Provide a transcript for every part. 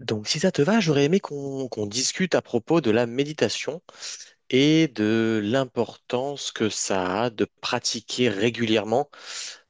Donc, si ça te va, j'aurais aimé qu'on discute à propos de la méditation et de l'importance que ça a de pratiquer régulièrement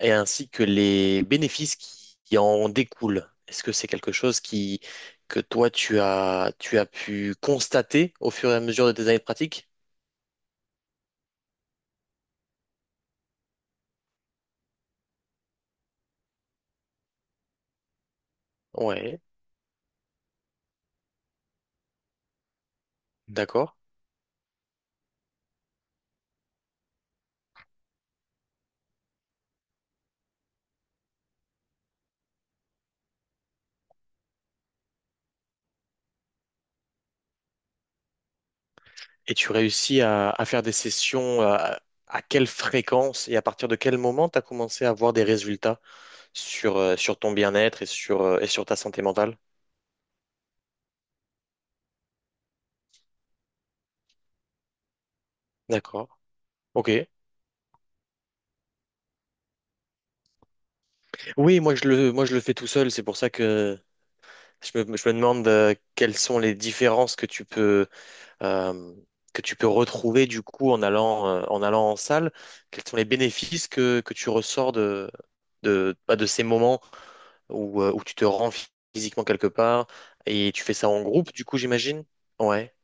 et ainsi que les bénéfices qui en découlent. Est-ce que c'est quelque chose que toi, tu as pu constater au fur et à mesure de tes années de pratique? Ouais, d'accord. Et tu réussis à faire des sessions à quelle fréquence et à partir de quel moment tu as commencé à avoir des résultats sur, sur ton bien-être et sur ta santé mentale. D'accord. Ok. Oui, moi je le fais tout seul. C'est pour ça que je me demande quelles sont les différences euh, que tu peux retrouver du coup en allant, en allant en salle. Quels sont les bénéfices que tu ressors de, bah, de ces moments où, où tu te rends physiquement quelque part et tu fais ça en groupe, du coup, j'imagine? Ouais.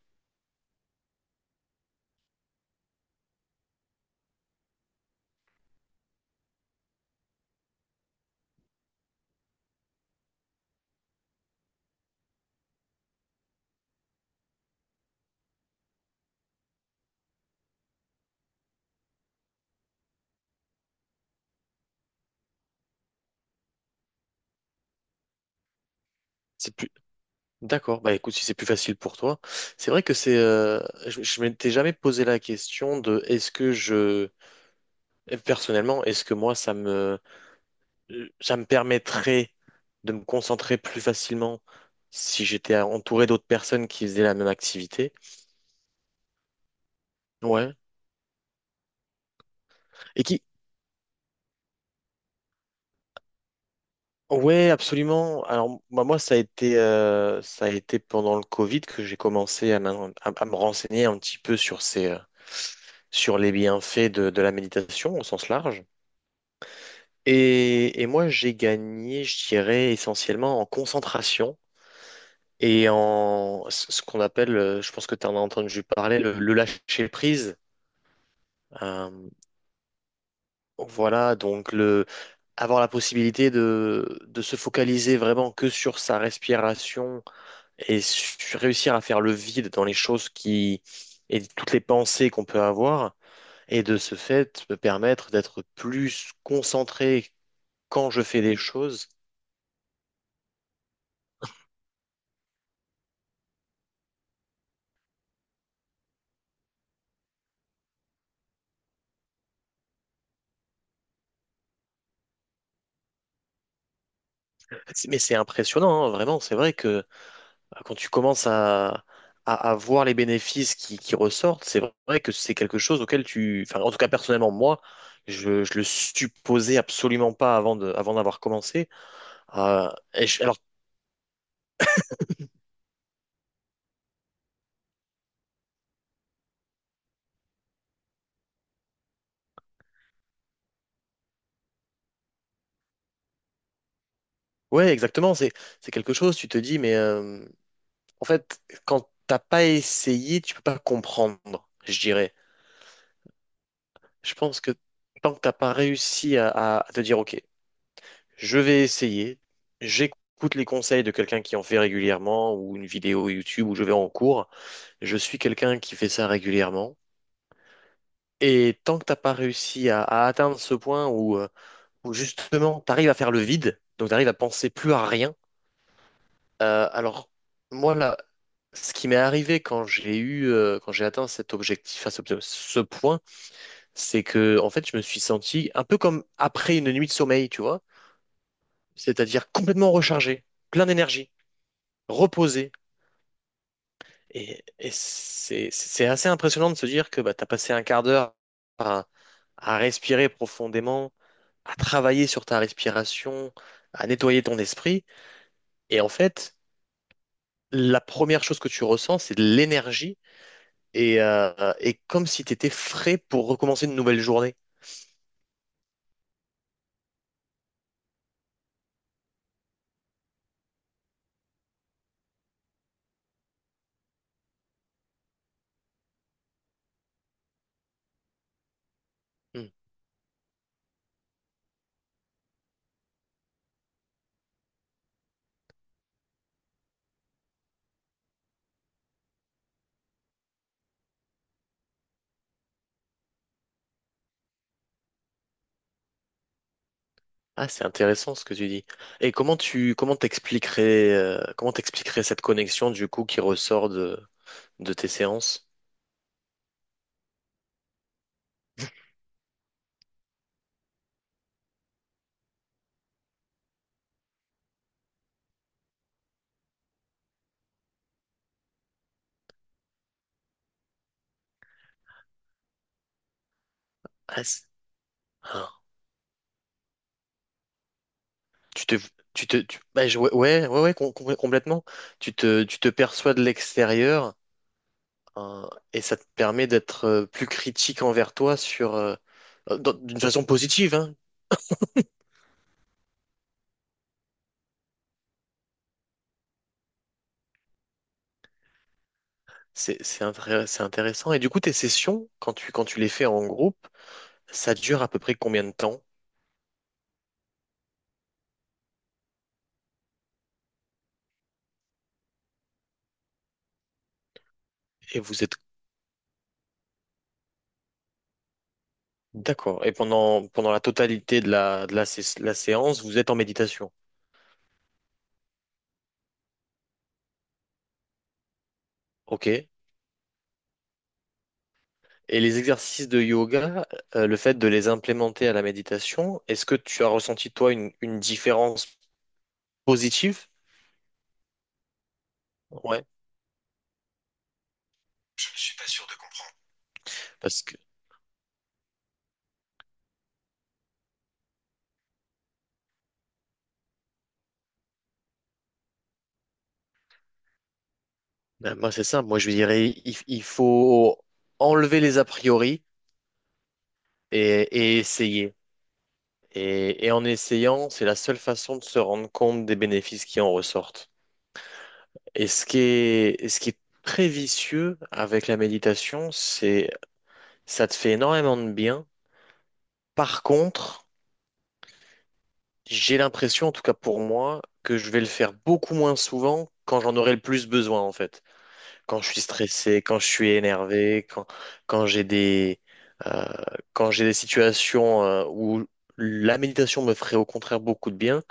c'est plus D'accord, bah écoute, si c'est plus facile pour toi, c'est vrai que c'est, je m'étais jamais posé la question de est-ce que je, personnellement, est-ce que moi ça me permettrait de me concentrer plus facilement si j'étais entouré d'autres personnes qui faisaient la même activité. Ouais. Et qui, ouais, absolument. Alors bah, moi, ça a été pendant le Covid que j'ai commencé à me renseigner un petit peu sur ces, sur les bienfaits de la méditation au sens large. Et moi, j'ai gagné, je dirais, essentiellement en concentration et en ce qu'on appelle, je pense que tu en as entendu parler, le lâcher-prise. Euh, voilà, donc le, avoir la possibilité de se focaliser vraiment que sur sa respiration et réussir à faire le vide dans les choses, et toutes les pensées qu'on peut avoir, et de ce fait, me permettre d'être plus concentré quand je fais des choses. Mais c'est impressionnant, hein, vraiment. C'est vrai que quand tu commences à voir les bénéfices qui ressortent, c'est vrai que c'est quelque chose auquel tu... Enfin, en tout cas, personnellement, moi, je le supposais absolument pas avant d'avoir commencé. Alors, ouais, exactement. C'est quelque chose, tu te dis, mais en fait, quand t'as pas essayé, tu peux pas comprendre, je dirais. Je pense que tant que t'as pas réussi à te dire, OK, je vais essayer. J'écoute les conseils de quelqu'un qui en fait régulièrement ou une vidéo YouTube où je vais en cours. Je suis quelqu'un qui fait ça régulièrement. Et tant que t'as pas réussi à atteindre ce point où, où justement t'arrives à faire le vide, donc t'arrives à penser plus à rien. Alors moi là, ce qui m'est arrivé quand j'ai quand j'ai atteint cet objectif, à ce point, c'est que en fait je me suis senti un peu comme après une nuit de sommeil, tu vois, c'est-à-dire complètement rechargé, plein d'énergie, reposé. Et c'est assez impressionnant de se dire que bah, tu as passé un quart d'heure à, à respirer profondément, à travailler sur ta respiration, à nettoyer ton esprit. Et en fait, la première chose que tu ressens, c'est de l'énergie et comme si tu étais frais pour recommencer une nouvelle journée. Hmm. Ah, c'est intéressant ce que tu dis. Et comment tu comment t'expliquerais cette connexion du coup qui ressort de tes séances? Ah, c'est- ah. Tu te, tu te, tu- bah, je- Ouais, complètement. Tu te perçois de l'extérieur, hein, et ça te permet d'être plus critique envers toi sur, d'une façon positive, hein. C'est, c'est intéressant. Et du coup, tes sessions, quand tu les fais en groupe, ça dure à peu près combien de temps? Et vous êtes d'accord. Et pendant, pendant la totalité de la séance, vous êtes en méditation. Ok. Et les exercices de yoga, le fait de les implémenter à la méditation, est-ce que tu as ressenti toi une différence positive? Ouais, je ne suis pas sûr de comprendre. Parce que ben, moi c'est ça, moi je dirais il faut enlever les a priori et essayer. Et en essayant, c'est la seule façon de se rendre compte des bénéfices qui en ressortent. Et ce et ce qui est très vicieux avec la méditation, c'est ça te fait énormément de bien. Par contre, j'ai l'impression, en tout cas pour moi, que je vais le faire beaucoup moins souvent quand j'en aurai le plus besoin, en fait. Quand je suis stressé, quand je suis énervé, quand, quand j'ai des, euh, quand j'ai des situations où la méditation me ferait au contraire beaucoup de bien,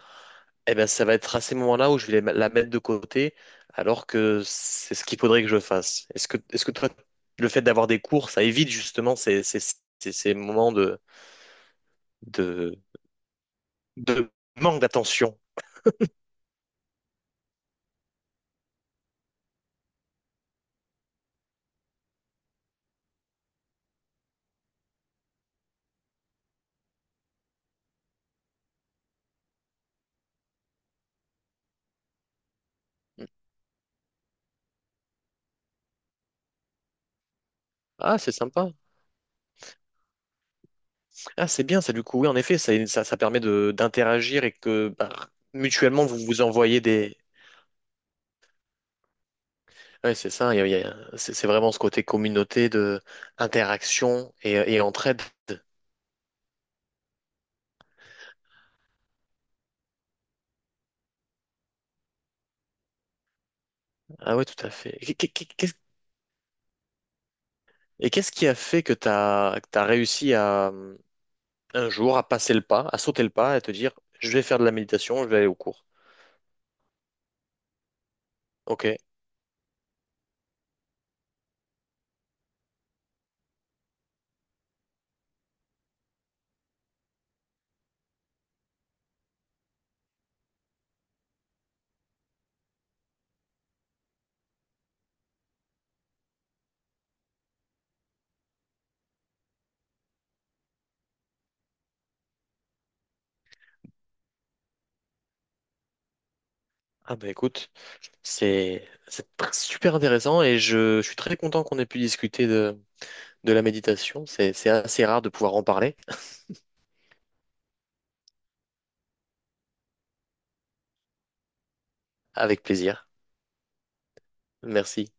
eh ben ça va être à ces moments-là où je vais la mettre de côté, alors que c'est ce qu'il faudrait que je fasse. Est-ce est-ce que toi, le fait d'avoir des cours, ça évite justement ces moments de, de manque d'attention? Ah, c'est sympa. Ah, c'est bien ça du coup. Oui, en effet, ça permet de d'interagir et que bah, mutuellement vous vous envoyez des. Ouais, c'est ça. C'est vraiment ce côté communauté de interaction et entraide. Ah ouais, tout à fait. Et qu'est-ce qui a fait que t'as réussi à un jour à passer le pas, à sauter le pas et te dire je vais faire de la méditation, je vais aller au cours. Ok. Ah bah écoute, super intéressant et je suis très content qu'on ait pu discuter de la méditation. C'est assez rare de pouvoir en parler. Avec plaisir. Merci.